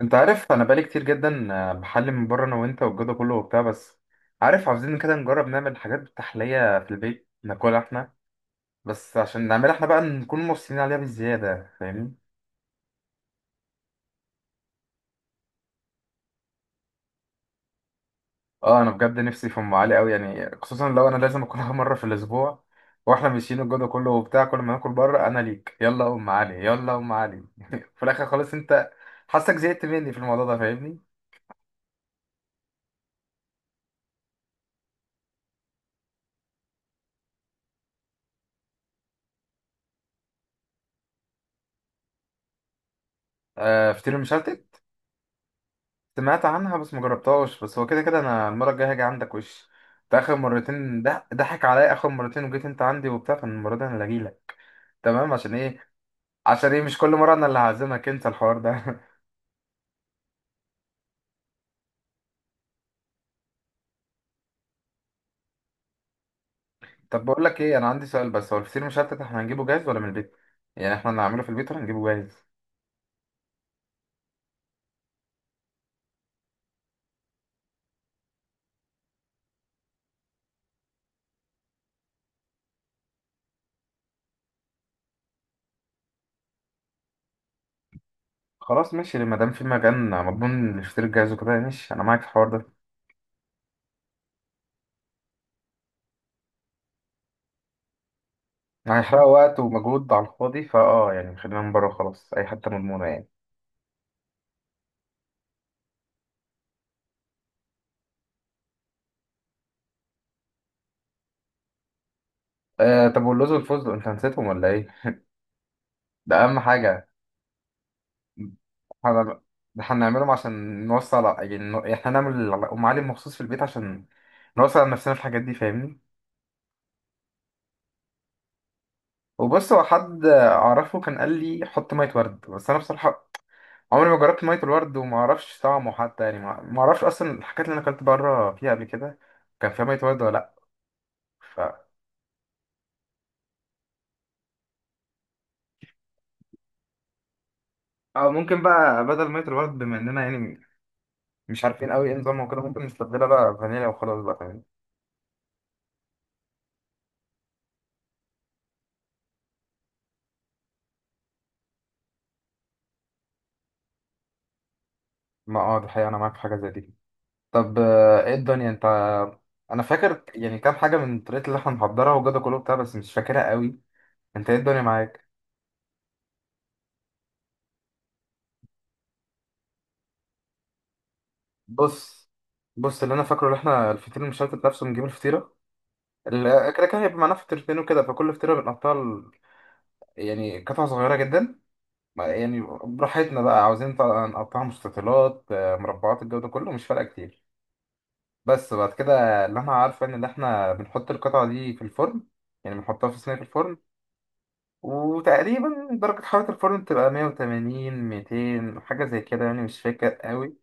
انت عارف انا بقالي كتير جدا بحلي من بره انا وانت والجو ده كله وبتاع. بس عارف عاوزين كده نجرب نعمل حاجات بالتحلية في البيت ناكلها احنا، بس عشان نعملها احنا بقى نكون مبسوطين عليها بالزيادة، فاهمني؟ اه انا بجد نفسي في ام علي قوي، يعني خصوصا لو انا لازم اكلها مرة في الاسبوع. واحنا ماشيين الجو ده كله وبتاع، كل ما ناكل بره انا ليك يلا ام علي يلا ام علي في الاخر خالص انت حاسك زهقت مني في الموضوع ده، فاهمني؟ آه فطير مشلتت، سمعت عنها بس مجربتهاش. بس هو كده كده انا المره الجايه هاجي عندك، وش انت اخر مرتين ده ضحك عليا، اخر مرتين وجيت انت عندي وبتاع، فالمره دي انا اللي اجيلك. تمام، عشان ايه؟ عشان ايه مش كل مره انا اللي هعزمك انت الحوار ده؟ طب بقول لك ايه، انا عندي سؤال، بس هو الفطير مشلتت احنا هنجيبه جاهز ولا من البيت؟ يعني احنا اللي هنعمله في البيت ولا هنجيبه جاهز؟ خلاص ماشي، ما دام في مكان مضمون للفطير الجاهز وكده ماشي، انا معاك في الحوار ده. هيحرقوا وقت ومجهود على الفاضي، فاه يعني خلينا من بره خلاص، اي حته مضمونه يعني. أه، طب واللوز والفستق انت نسيتهم ولا ايه؟ ده اهم حاجه. هن- هنعملهم عشان نوصل، يعني احنا نعمل ام علي مخصوص في البيت عشان نوصل على نفسنا في الحاجات دي، فاهمني؟ وبص هو حد اعرفه كان قال لي حط ميه ورد، بس انا بصراحه عمري ما جربت ميه الورد وما اعرفش طعمه حتى، يعني ما اعرفش اصلا الحاجات اللي انا اكلت بره فيها قبل كده كان فيها ميه ورد ولا لا. ف او ممكن بقى بدل ميه الورد، بما اننا يعني مش عارفين قوي ايه نظامها وكده، ممكن نستبدلها بقى فانيليا وخلاص بقى، فاهمني؟ ما اه، دي حقيقة، انا معاك في حاجه زي دي. طب ايه الدنيا انت؟ انا فاكر يعني كام حاجه من الطريقه اللي احنا محضرها وجدع كله بتاع، بس مش فاكرها قوي. انت ايه الدنيا معاك؟ بص بص اللي انا فاكره، اللي احنا الفطير المشلتت نفسه بنجيب الفطيره، كده كده هيبقى معانا فطيرتين وكده، فكل فطيره بنقطعها يعني قطع صغيره جدا. يعني براحتنا بقى، عاوزين طبعاً نقطعها مستطيلات مربعات، الجو ده كله مش فارقه كتير. بس بعد كده اللي انا عارفه ان اللي احنا بنحط القطعه دي في الفرن، يعني بنحطها في صينيه في الفرن. وتقريبا درجة حرارة الفرن بتبقى 180 200 حاجة زي كده، يعني مش فاكر قوي.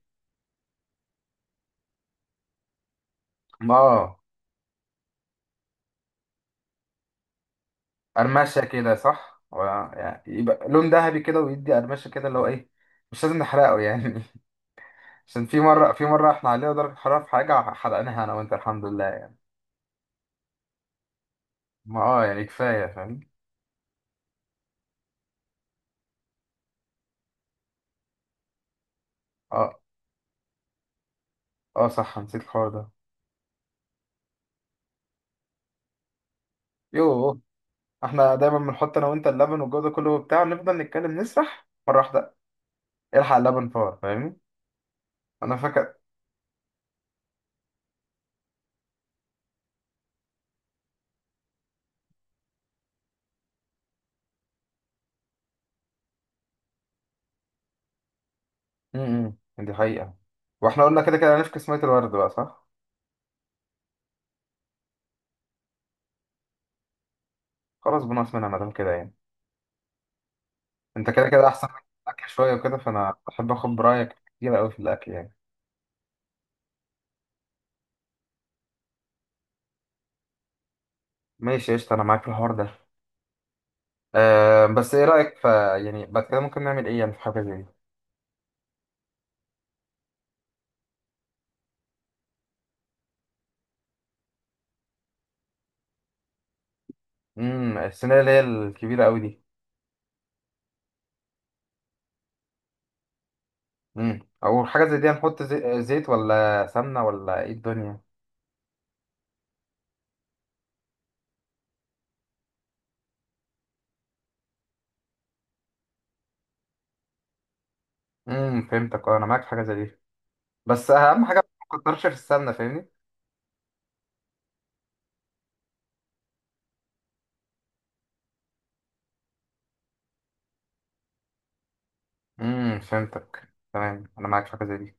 اه قرمشة كده، صح، يعني يبقى لون ذهبي كده ويدي قرمشة كده اللي هو ايه، مش لازم نحرقه يعني. عشان في مرة احنا علينا درجة حرارة في حاجة حرقناها انا وانت، الحمد لله يعني. ما اه، يعني كفاية فاهم. اه اه. صح، نسيت الحوار ده. يوه، احنا دايما بنحط انا وانت اللبن والجو ده كله وبتاع ونفضل نتكلم نسرح مرة واحدة، الحق اللبن فور، فاهمني؟ انا فاكر. امم، دي حقيقة. واحنا قلنا كده كده هنفكس مية الورد بقى، صح؟ خلاص بنقص منها مادام كده يعني. انت كده كده احسن مني في الاكل شوية وكده، فانا بحب اخد برأيك كتير قوي في الاكل يعني. ماشي قشطة، انا معاك في الحوار ده. أه بس ايه رأيك يعني بعد كده ممكن نعمل ايه يعني في حاجة زي دي؟ امم، الصينية اللي هي الكبيرة قوي دي؟ امم، او حاجة زي دي هنحط زيت ولا سمنة ولا ايه الدنيا؟ امم، فهمتك، اه انا معاك في حاجة زي دي. بس اهم حاجة ما تكترش في السمنة، فاهمني؟ فهمتك تمام، انا معاك في حاجة زي دي.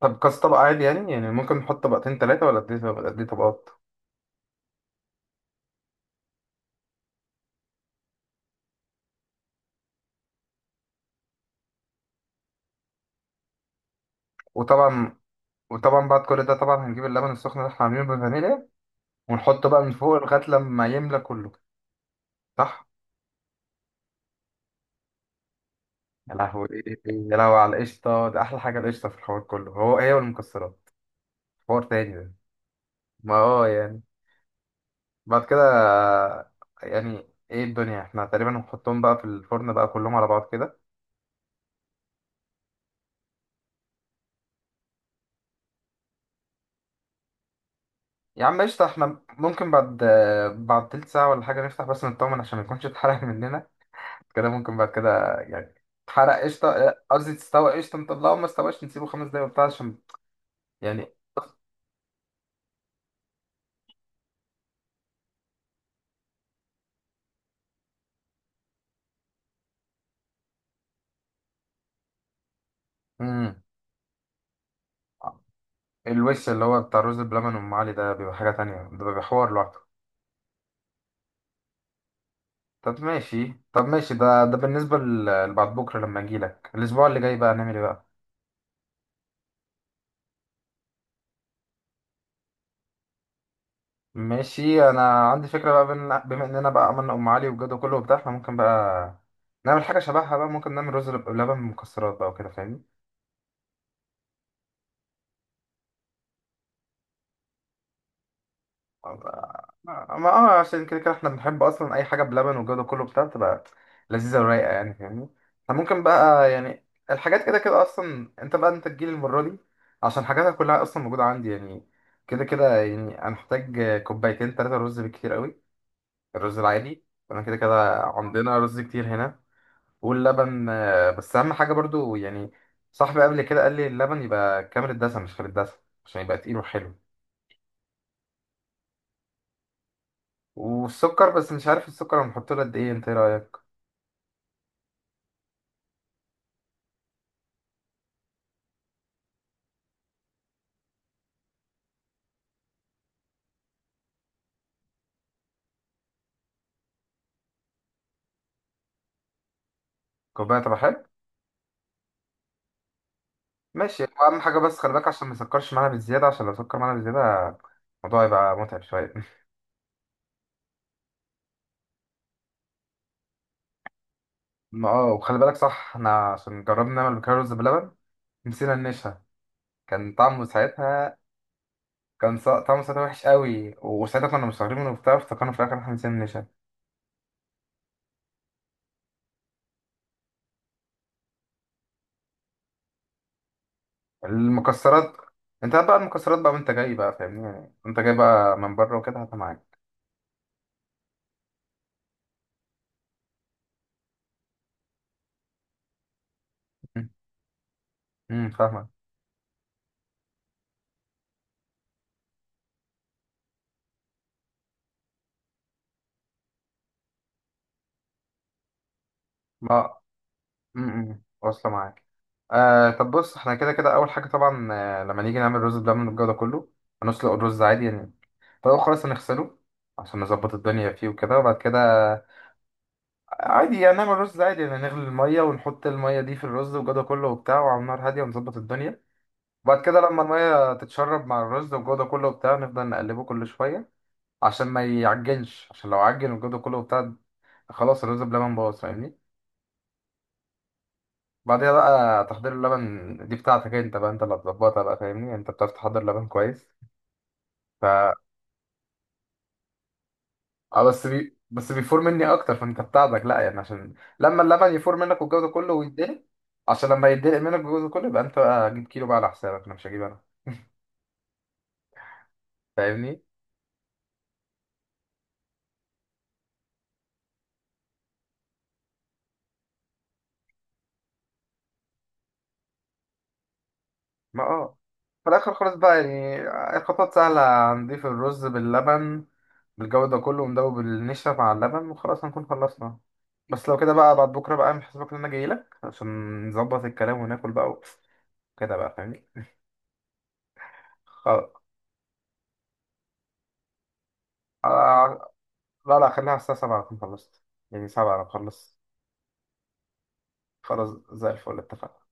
طب كاس طبق عادي يعني، يعني ممكن نحط طبقتين تلاتة ولا قد ايه، ولا قد ايه طبقات؟ وطبعا، وطبعا بعد كل ده طبعا هنجيب اللبن السخن اللي احنا عاملينه بالفانيليا ونحطه بقى من فوق لغاية لما يملى كله، صح؟ يا لهوي، يا لهوي على القشطة، ده أحلى حاجة القشطة في الحوار كله، هو هي والمكسرات حوار تاني ده. ما هو يعني بعد كده يعني، ايه الدنيا، احنا تقريبا هنحطهم بقى في الفرن بقى كلهم على بعض كده. يا عم قشطة، احنا ممكن بعد بعد تلت ساعة ولا حاجة نفتح بس نطمن عشان ما يكونش اتحرق مننا. كده ممكن بعد كده يعني تحرق قشطة، قصدي تستوي قشطة، نطلعه، ما استواش نسيبه خمس دقايق وبتاع عشان يعني. مم. الوش اللي هو بتاع الرز بلبن، أم علي ده بيبقى حاجة تانية، ده بيبقى حوار لوحده. طب ماشي طب ماشي، ده بالنسبة لبعد بكرة لما أجيلك الأسبوع اللي جاي بقى، هنعمل إيه بقى؟ ماشي أنا عندي فكرة بقى، بما إننا بقى عملنا أم علي والجو ده كله وبتاع، إحنا ممكن بقى نعمل حاجة شبهها بقى، ممكن نعمل رز بلبن مكسرات بقى وكده، فاهمني؟ ما اه، عشان كده كده احنا بنحب اصلا اي حاجه بلبن والجو ده كله بتاع بتبقى لذيذه ورايقه يعني، فاهمني؟ فممكن بقى يعني الحاجات كده كده اصلا، انت بقى انت تجيلي المره دي عشان حاجاتها كلها اصلا موجوده عندي يعني. كده كده يعني انا محتاج كوبايتين ثلاثه رز بالكتير قوي، الرز العادي، وانا كده كده عندنا رز كتير هنا. واللبن بس اهم حاجه برضو يعني، صاحبي قبل كده قال لي اللبن يبقى كامل الدسم مش خالي الدسم عشان يبقى تقيل وحلو. والسكر بس مش عارف السكر هنحط له قد ايه، انت ايه رايك؟ كوبايه، طب حلو. ماشي، اهم حاجه بس خلي بالك عشان ما يسكرش معانا بالزياده، عشان لو سكر معانا بالزياده الموضوع يبقى متعب شويه. ما اه، وخلي بالك صح، احنا عشان جربنا نعمل بكره رز بلبن نسينا النشا، كان طعمه ساعتها، طعمه ساعتها وحش قوي، وساعتها كنا مستغربين منه وبتاع، افتكرنا في الاخر إن احنا نسينا النشا. المكسرات، انت هات بقى المكسرات بقى وانت جاي بقى، فاهمني؟ يعني وانت جاي بقى من بره وكده هاتها معاك. فاهمك. ما امم، واصله معاك. آه طب بص، احنا كده كده اول حاجه طبعا، آه لما نيجي نعمل رز بلبن والجو ده كله، هنسلق الرز عادي يعني. فالاول خالص هنغسله عشان نظبط الدنيا فيه وكده. وبعد كده عادي يعني نعمل رز عادي، يعني نغلي الميه ونحط الميه دي في الرز والجو ده كله وبتاع، وعلى نار هاديه ونظبط الدنيا. وبعد كده لما الميه تتشرب مع الرز والجو ده كله وبتاع، نفضل نقلبه كل شويه عشان ما يعجنش، عشان لو عجن والجو ده كله وبتاع خلاص الرز بلبن باظ، فاهمني؟ بعدها بقى تحضير اللبن، دي بتاعتك انت بقى، انت اللي هتظبطها بقى، فاهمني؟ انت بتعرف تحضر لبن كويس. ف اه بس بس بيفور مني اكتر، فانت بتاعتك لا يعني. عشان لما اللبن يفور منك والجو ده كله ويتدلق، عشان لما يتدلق منك والجو ده كله يبقى انت بقى جيب كيلو بقى على حسابك، انا مش هجيب انا، فاهمني؟ ما اه، في الاخر خالص بقى يعني الخطوات سهله، نضيف الرز باللبن بالجو ده كله، وندوب النشا مع اللبن وخلاص هنكون خلصنا. بس لو كده بقى بعد بكره بقى اعمل حسابك ان انا جاي لك عشان نظبط الكلام وناكل بقى كده بقى، فاهمني؟ خلاص. آه لا، لا، خليها على الساعه 7 اكون خلصت، يعني 7 انا بخلص. خلاص زي الفل اتفقنا.